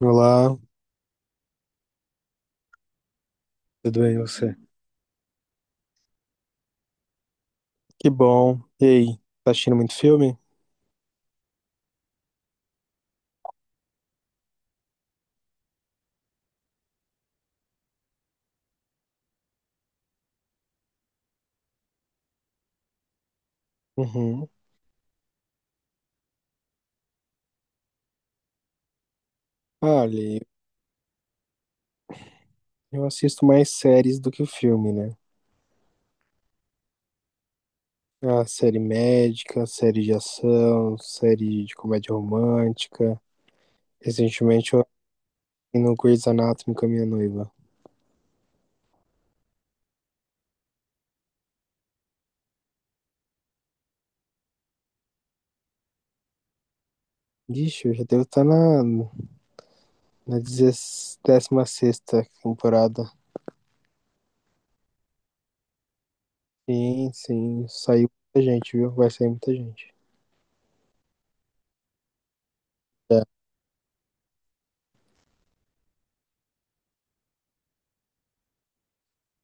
Olá, tudo bem e você? Que bom. E aí, tá assistindo muito filme? Uhum. Olha, eu assisto mais séries do que filme, né? A série médica, série de ação, série de comédia romântica. Recentemente eu assisti no Grey's Anatomy com a minha noiva. Ixi, eu já devo estar na na 16ª temporada. Sim, sim. Saiu muita gente, viu? Vai sair muita gente. É.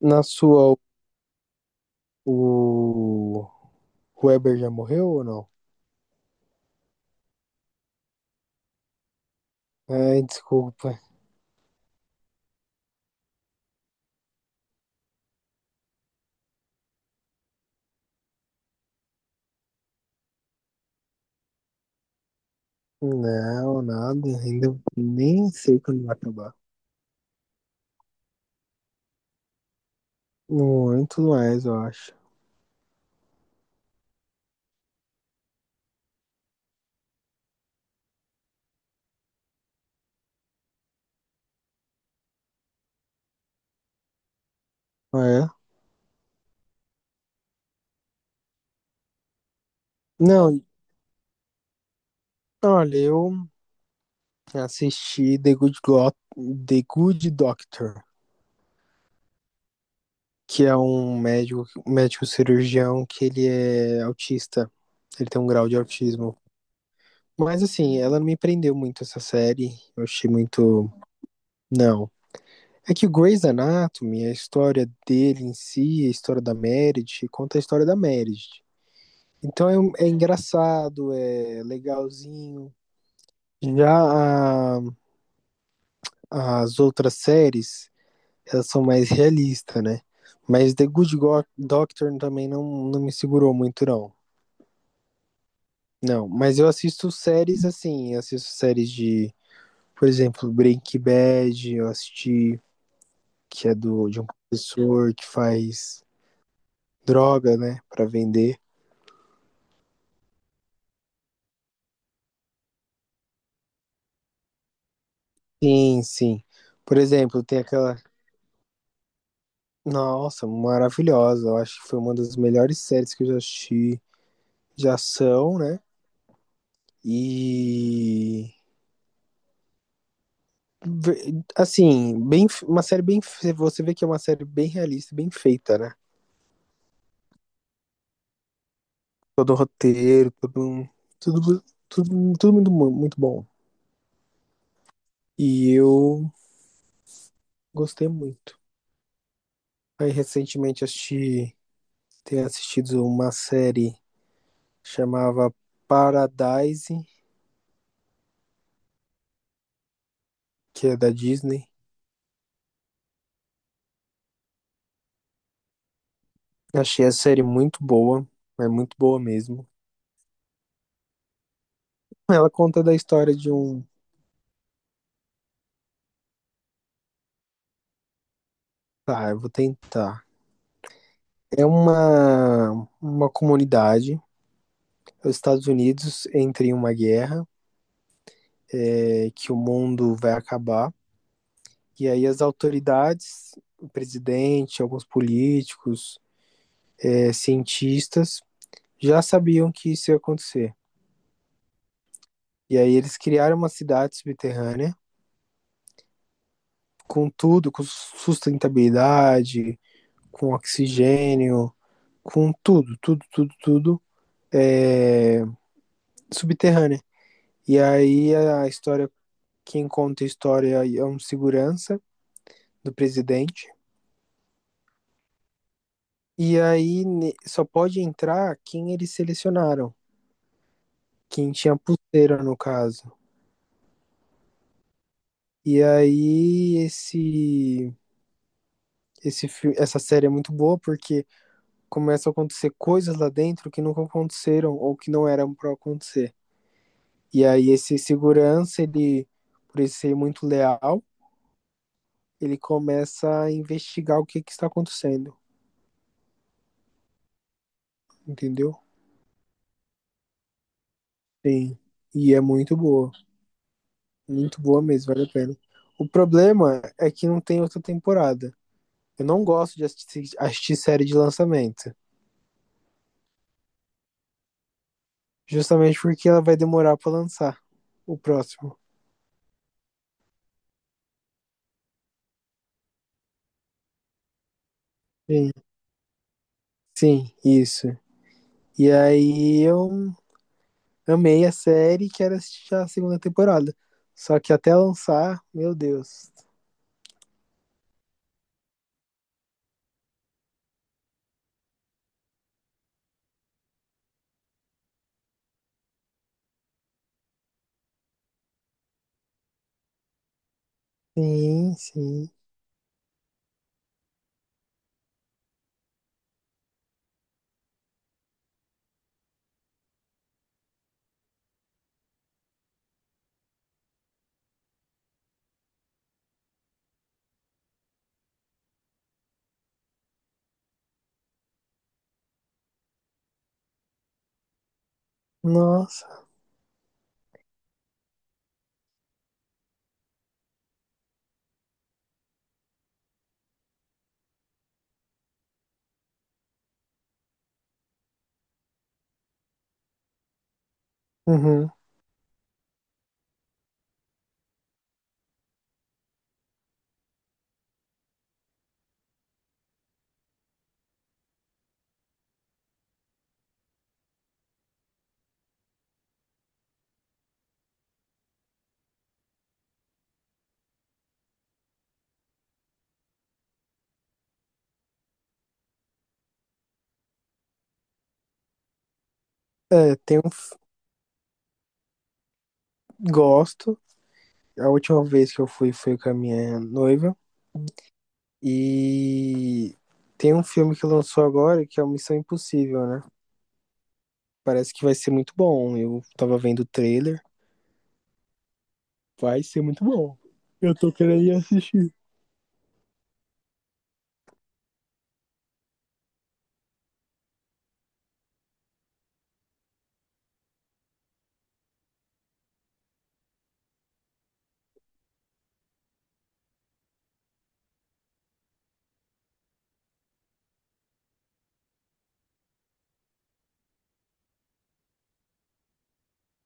Na sua, o Weber já morreu ou não? Ai, desculpa. Não, nada. Ainda nem sei quando vai acabar. Muito mais, eu acho. Ah, é? Não, olha, eu assisti The Good Doctor, que é um médico cirurgião que ele é autista. Ele tem um grau de autismo. Mas assim, ela não me prendeu muito essa série. Eu achei muito. Não. É que o Grey's Anatomy, a história dele em si, a história da Meredith, conta a história da Meredith. Então é, é engraçado, é legalzinho. Já as outras séries, elas são mais realistas, né? Mas The Good Doctor também não, não me segurou muito, não. Não, mas eu assisto séries assim, eu assisto séries de, por exemplo, Breaking Bad, eu assisti, que é do, de um professor que faz droga, né, pra vender. Sim, sim. Por exemplo, tem aquela, nossa, maravilhosa, eu acho que foi uma das melhores séries que eu já assisti de ação, né? E assim, bem, uma série bem, você vê que é uma série bem realista, bem feita, né? Todo o roteiro, todo, tudo, tudo, tudo muito, muito bom. E eu gostei muito. Aí recentemente assisti, tenho assistido uma série chamava Paradise, que é da Disney. Achei a série muito boa, é muito boa mesmo. Ela conta da história de um. Tá, eu vou tentar. É uma, comunidade, os Estados Unidos entra em uma guerra, é, que o mundo vai acabar. E aí as autoridades, o presidente, alguns políticos, é, cientistas, já sabiam que isso ia acontecer. E aí eles criaram uma cidade subterrânea com tudo, com sustentabilidade, com oxigênio, com tudo, tudo, tudo, tudo é, subterrânea. E aí a história, quem conta a história é um segurança do presidente. E aí só pode entrar quem eles selecionaram, quem tinha pulseira no caso. E aí esse filme, essa série é muito boa porque começa a acontecer coisas lá dentro que nunca aconteceram ou que não eram para acontecer. E aí esse segurança, ele por ele ser muito leal, ele começa a investigar o que que está acontecendo, entendeu? Sim. E é muito boa mesmo, vale a pena. O problema é que não tem outra temporada. Eu não gosto de assistir, assistir série de lançamento. Justamente porque ela vai demorar pra lançar o próximo. Sim, sim, isso. E aí eu amei a série e quero assistir a segunda temporada. Só que até lançar, meu Deus. Sim, sim. Nossa. Uhum. É, tenho. Gosto. A última vez que eu fui foi com a minha noiva. E tem um filme que lançou agora que é o Missão Impossível, né? Parece que vai ser muito bom. Eu tava vendo o trailer. Vai ser muito bom. Eu tô querendo ir assistir.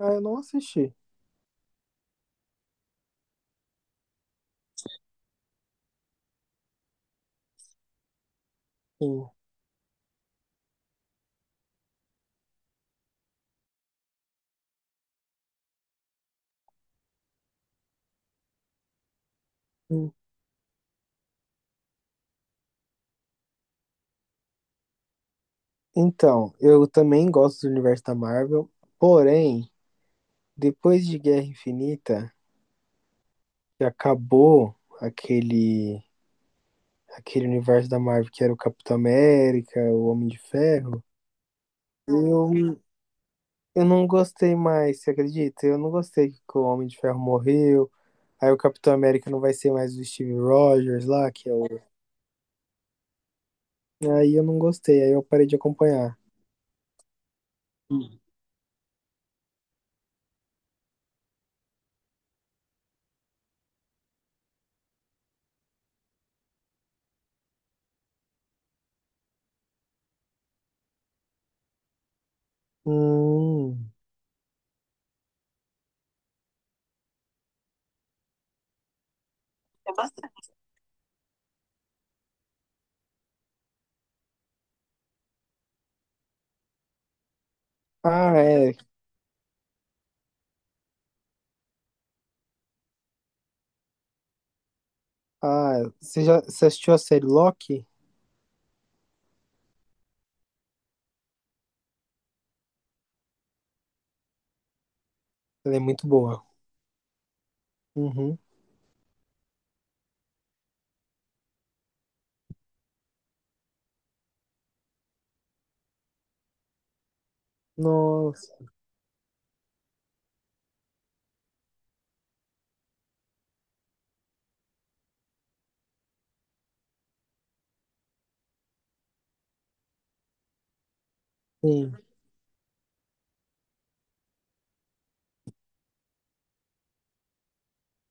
Ah, eu não assisti. Sim, sim. Então, eu também gosto do universo da Marvel, porém, depois de Guerra Infinita, que acabou aquele aquele universo da Marvel que era o Capitão América, o Homem de Ferro, eu, eu não gostei mais, você acredita? Eu não gostei que o Homem de Ferro morreu. Aí o Capitão América não vai ser mais o Steve Rogers lá, que é o. Aí eu não gostei, aí eu parei de acompanhar. Hum. É bastante. Ah, é. Ah, você assistiu a série Loki? Ela é muito boa. Uhum. Nossa, sim,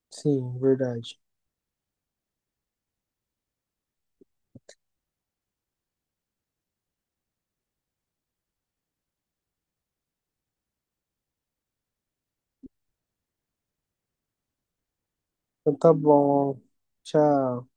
sim, verdade. Então tá bom. Tchau.